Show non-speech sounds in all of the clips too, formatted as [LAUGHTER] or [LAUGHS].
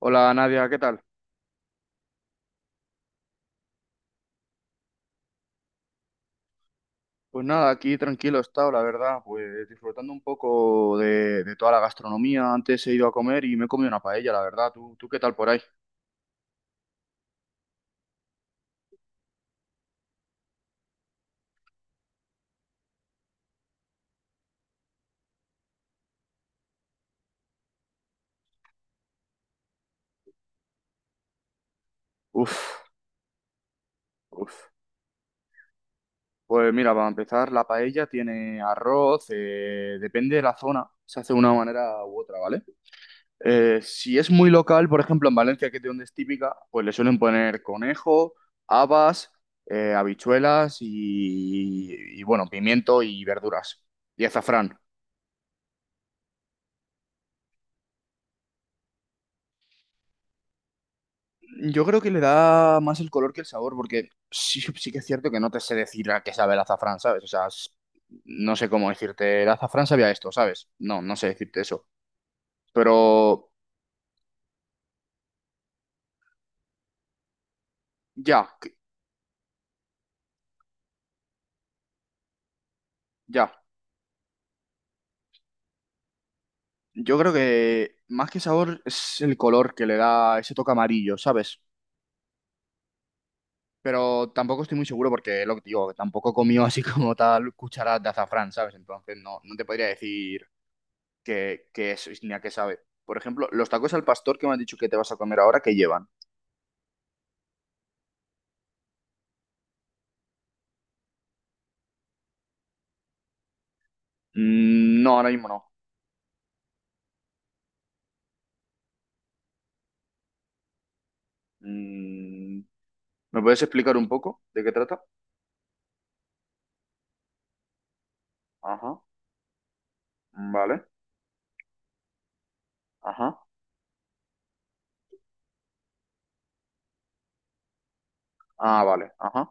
Hola Nadia, ¿qué tal? Pues nada, aquí tranquilo he estado, la verdad, pues disfrutando un poco de toda la gastronomía. Antes he ido a comer y me he comido una paella, la verdad. ¿Tú qué tal por ahí? Uf, uf. Pues mira, para empezar, la paella tiene arroz, depende de la zona, se hace de una manera u otra, ¿vale? Si es muy local, por ejemplo, en Valencia, que es de donde es típica, pues le suelen poner conejo, habas, habichuelas y bueno, pimiento y verduras. Y azafrán. Yo creo que le da más el color que el sabor, porque sí, sí que es cierto que no te sé decir a qué sabe el azafrán, ¿sabes? O sea, no sé cómo decirte, el azafrán sabía esto, ¿sabes? No, no sé decirte eso. Pero ya, ya. Yo creo que más que sabor es el color que le da ese toque amarillo, ¿sabes? Pero tampoco estoy muy seguro porque lo que te digo, tampoco comió así [LAUGHS] como tal cucharadas de azafrán, ¿sabes? Entonces no te podría decir qué es ni a qué sabe. Por ejemplo, los tacos al pastor que me has dicho que te vas a comer ahora, ¿qué llevan? Mm. No, ahora mismo no. Mm. ¿Me puedes explicar un poco de qué trata? Ajá, vale, ajá, ah, vale, ajá,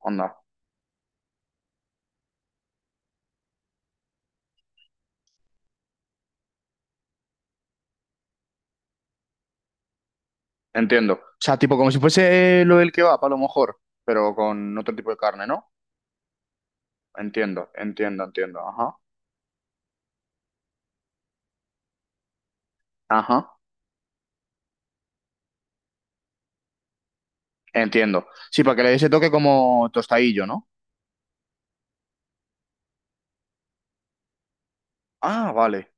onda, entiendo. O sea, tipo como si fuese lo del kebab a lo mejor, pero con otro tipo de carne, ¿no? Entiendo, entiendo, entiendo, ajá, ajá, entiendo. Sí, para que le dé ese toque como tostadillo, ¿no? Ah, vale,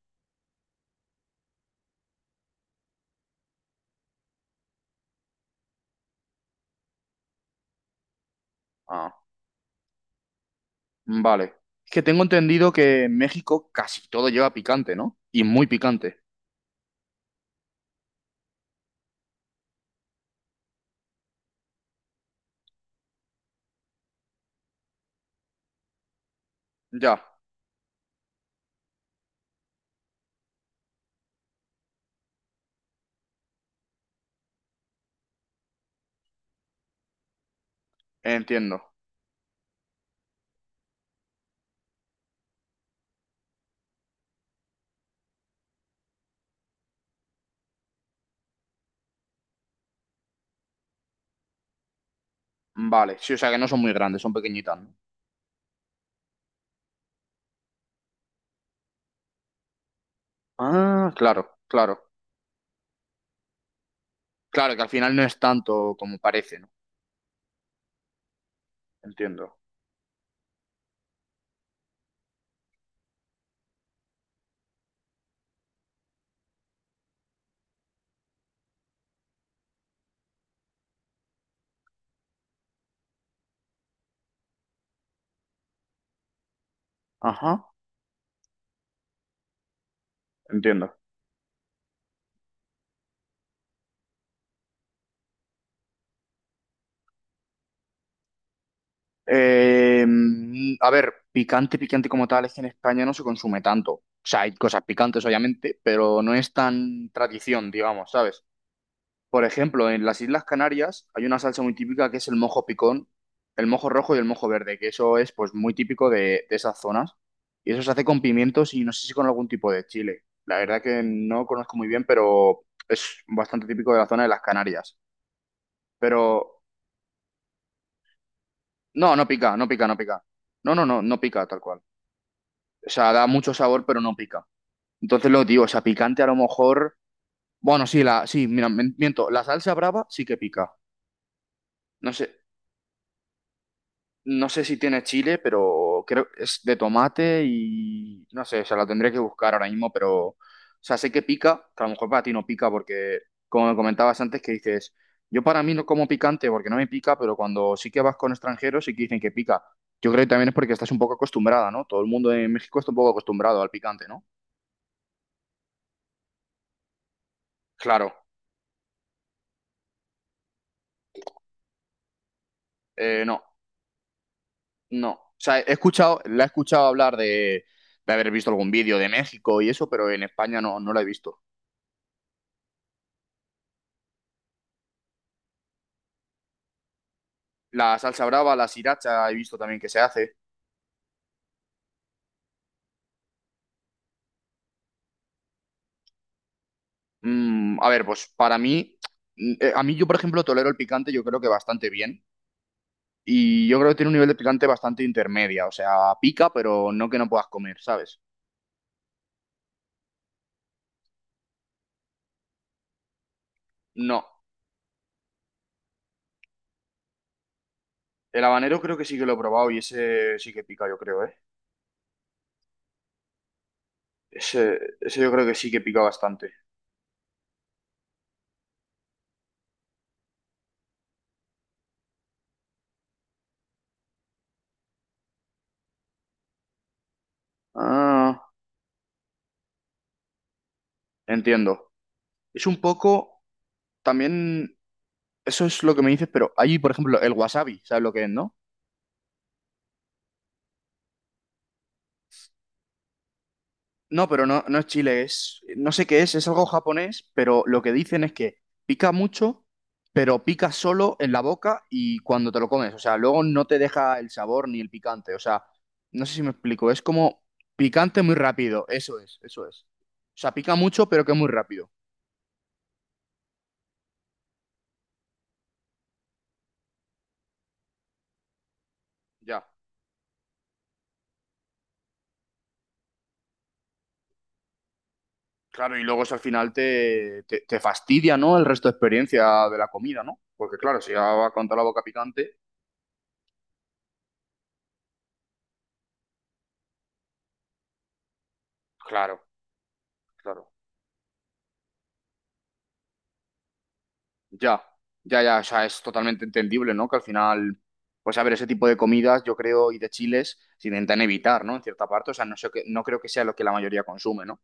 ah, vale. Es que tengo entendido que en México casi todo lleva picante, ¿no? Y muy picante. Ya, entiendo. Vale, sí, o sea que no son muy grandes, son pequeñitas, ¿no? Ah, claro, claro. Claro, que al final no es tanto como parece, ¿no? Entiendo. Ajá, entiendo. A ver, picante, picante como tal, es que en España no se consume tanto. O sea, hay cosas picantes, obviamente, pero no es tan tradición, digamos, ¿sabes? Por ejemplo, en las Islas Canarias hay una salsa muy típica que es el mojo picón, el mojo rojo y el mojo verde, que eso es pues muy típico de esas zonas. Y eso se hace con pimientos y no sé si con algún tipo de chile. La verdad que no conozco muy bien, pero es bastante típico de la zona de las Canarias. Pero no, no pica, no pica, no pica. No, no, no, no pica tal cual. O sea, da mucho sabor, pero no pica. Entonces lo que digo, o sea, picante a lo mejor. Bueno, sí, mira, miento. La salsa brava sí que pica. No sé, No sé si tiene chile, pero creo que es de tomate y no sé, o sea, la tendré que buscar ahora mismo, pero, o sea, sé que pica, que a lo mejor para ti no pica porque, como me comentabas antes, que dices, yo para mí no como picante porque no me pica, pero cuando sí que vas con extranjeros sí que dicen que pica. Yo creo que también es porque estás un poco acostumbrada, ¿no? Todo el mundo en México está un poco acostumbrado al picante, ¿no? Claro, no, no. O sea, he escuchado, la he escuchado hablar de haber visto algún vídeo de México y eso, pero en España no, no la he visto. La salsa brava, la sriracha, he visto también que se hace. A ver, pues para mí, a mí yo, por ejemplo, tolero el picante, yo creo que bastante bien. Y yo creo que tiene un nivel de picante bastante intermedia. O sea, pica, pero no que no puedas comer, ¿sabes? No. El habanero creo que sí que lo he probado y ese sí que pica, yo creo, ¿eh? Ese yo creo que sí que pica bastante. Ah, entiendo. Es un poco, también, eso es lo que me dices, pero hay, por ejemplo, el wasabi, ¿sabes lo que es, no? No, pero no es chile, no sé qué es algo japonés, pero lo que dicen es que pica mucho, pero pica solo en la boca y cuando te lo comes, o sea, luego no te deja el sabor ni el picante, o sea, no sé si me explico, es como picante muy rápido, eso es, eso es. O sea, pica mucho, pero que muy rápido. Ya. Claro, y luego eso al final te fastidia, ¿no? El resto de experiencia de la comida, ¿no? Porque claro, si ya va con toda la boca picante. Claro, claro. Ya, ya, ya, o sea, es totalmente entendible, ¿no? Que al final, pues a ver, ese tipo de comidas, yo creo, y de chiles, se intentan evitar, ¿no? En cierta parte, o sea, no sé que, no creo que sea lo que la mayoría consume, ¿no?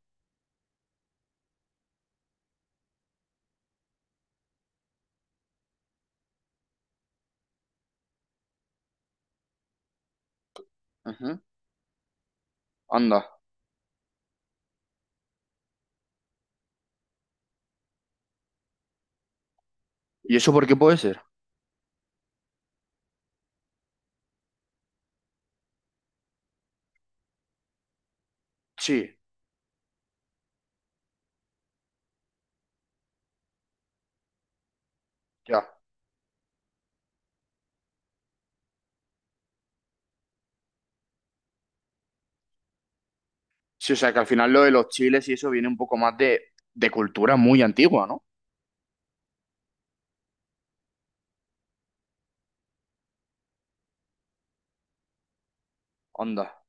Ujú. Anda. ¿Y eso por qué puede ser? Sí, ya. Sí, o sea, que al final lo de los chiles y eso viene un poco más de cultura muy antigua, ¿no? Anda.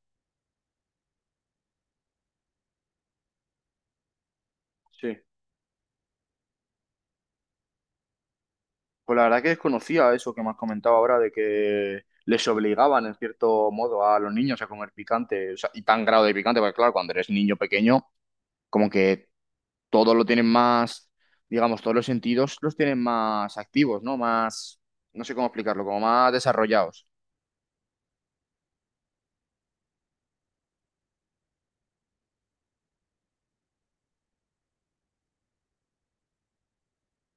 Sí. Pues la verdad que desconocía eso que me has comentado ahora de que les obligaban, en cierto modo, a los niños a comer picante, o sea, y tan grado de picante, porque claro, cuando eres niño pequeño como que todos lo tienen más, digamos, todos los sentidos los tienen más activos, ¿no? Más, no sé cómo explicarlo, como más desarrollados.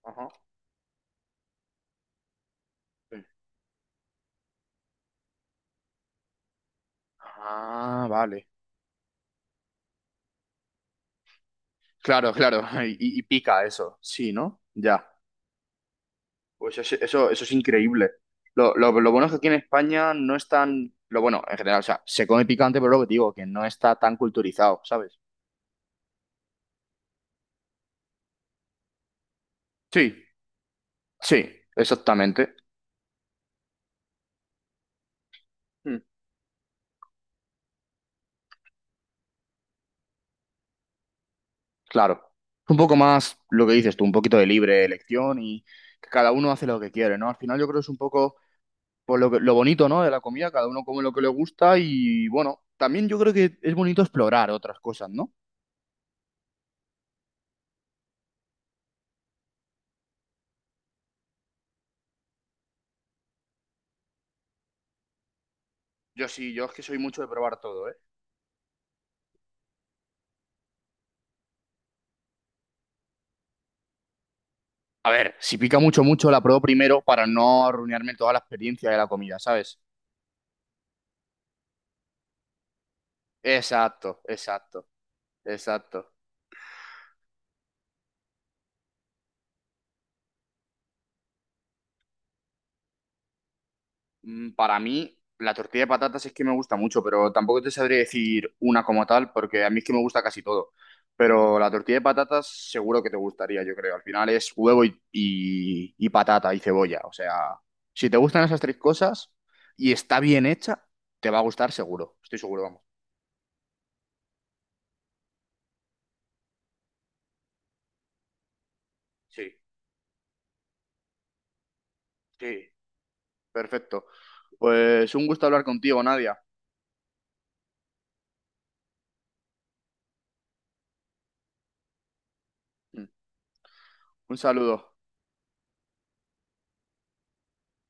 Ajá. Sí. Ah, vale. Claro, claro. [LAUGHS] Y pica eso. Sí, ¿no? Ya. Pues eso es increíble. Lo bueno es que aquí en España no es tan... Lo bueno, en general, o sea, se come picante, pero lo que te digo, que no está tan culturizado, ¿sabes? Sí, sí, exactamente. Claro, un poco más lo que dices tú, un poquito de libre elección y que cada uno hace lo que quiere, ¿no? Al final yo creo que es un poco pues, lo bonito, ¿no? De la comida, cada uno come lo que le gusta y bueno, también yo creo que es bonito explorar otras cosas, ¿no? Yo sí, yo es que soy mucho de probar todo, ¿eh? A ver, si pica mucho, mucho, la pruebo primero para no arruinarme toda la experiencia de la comida, ¿sabes? Exacto, exacto, exacto. Mm. Para mí, la tortilla de patatas es que me gusta mucho, pero tampoco te sabría decir una como tal, porque a mí es que me gusta casi todo. Pero la tortilla de patatas seguro que te gustaría, yo creo. Al final es huevo y patata y cebolla. O sea, si te gustan esas tres cosas y está bien hecha, te va a gustar seguro. Estoy seguro, vamos. Sí, sí. Perfecto. Pues un gusto hablar contigo, Nadia. Mm. Un saludo.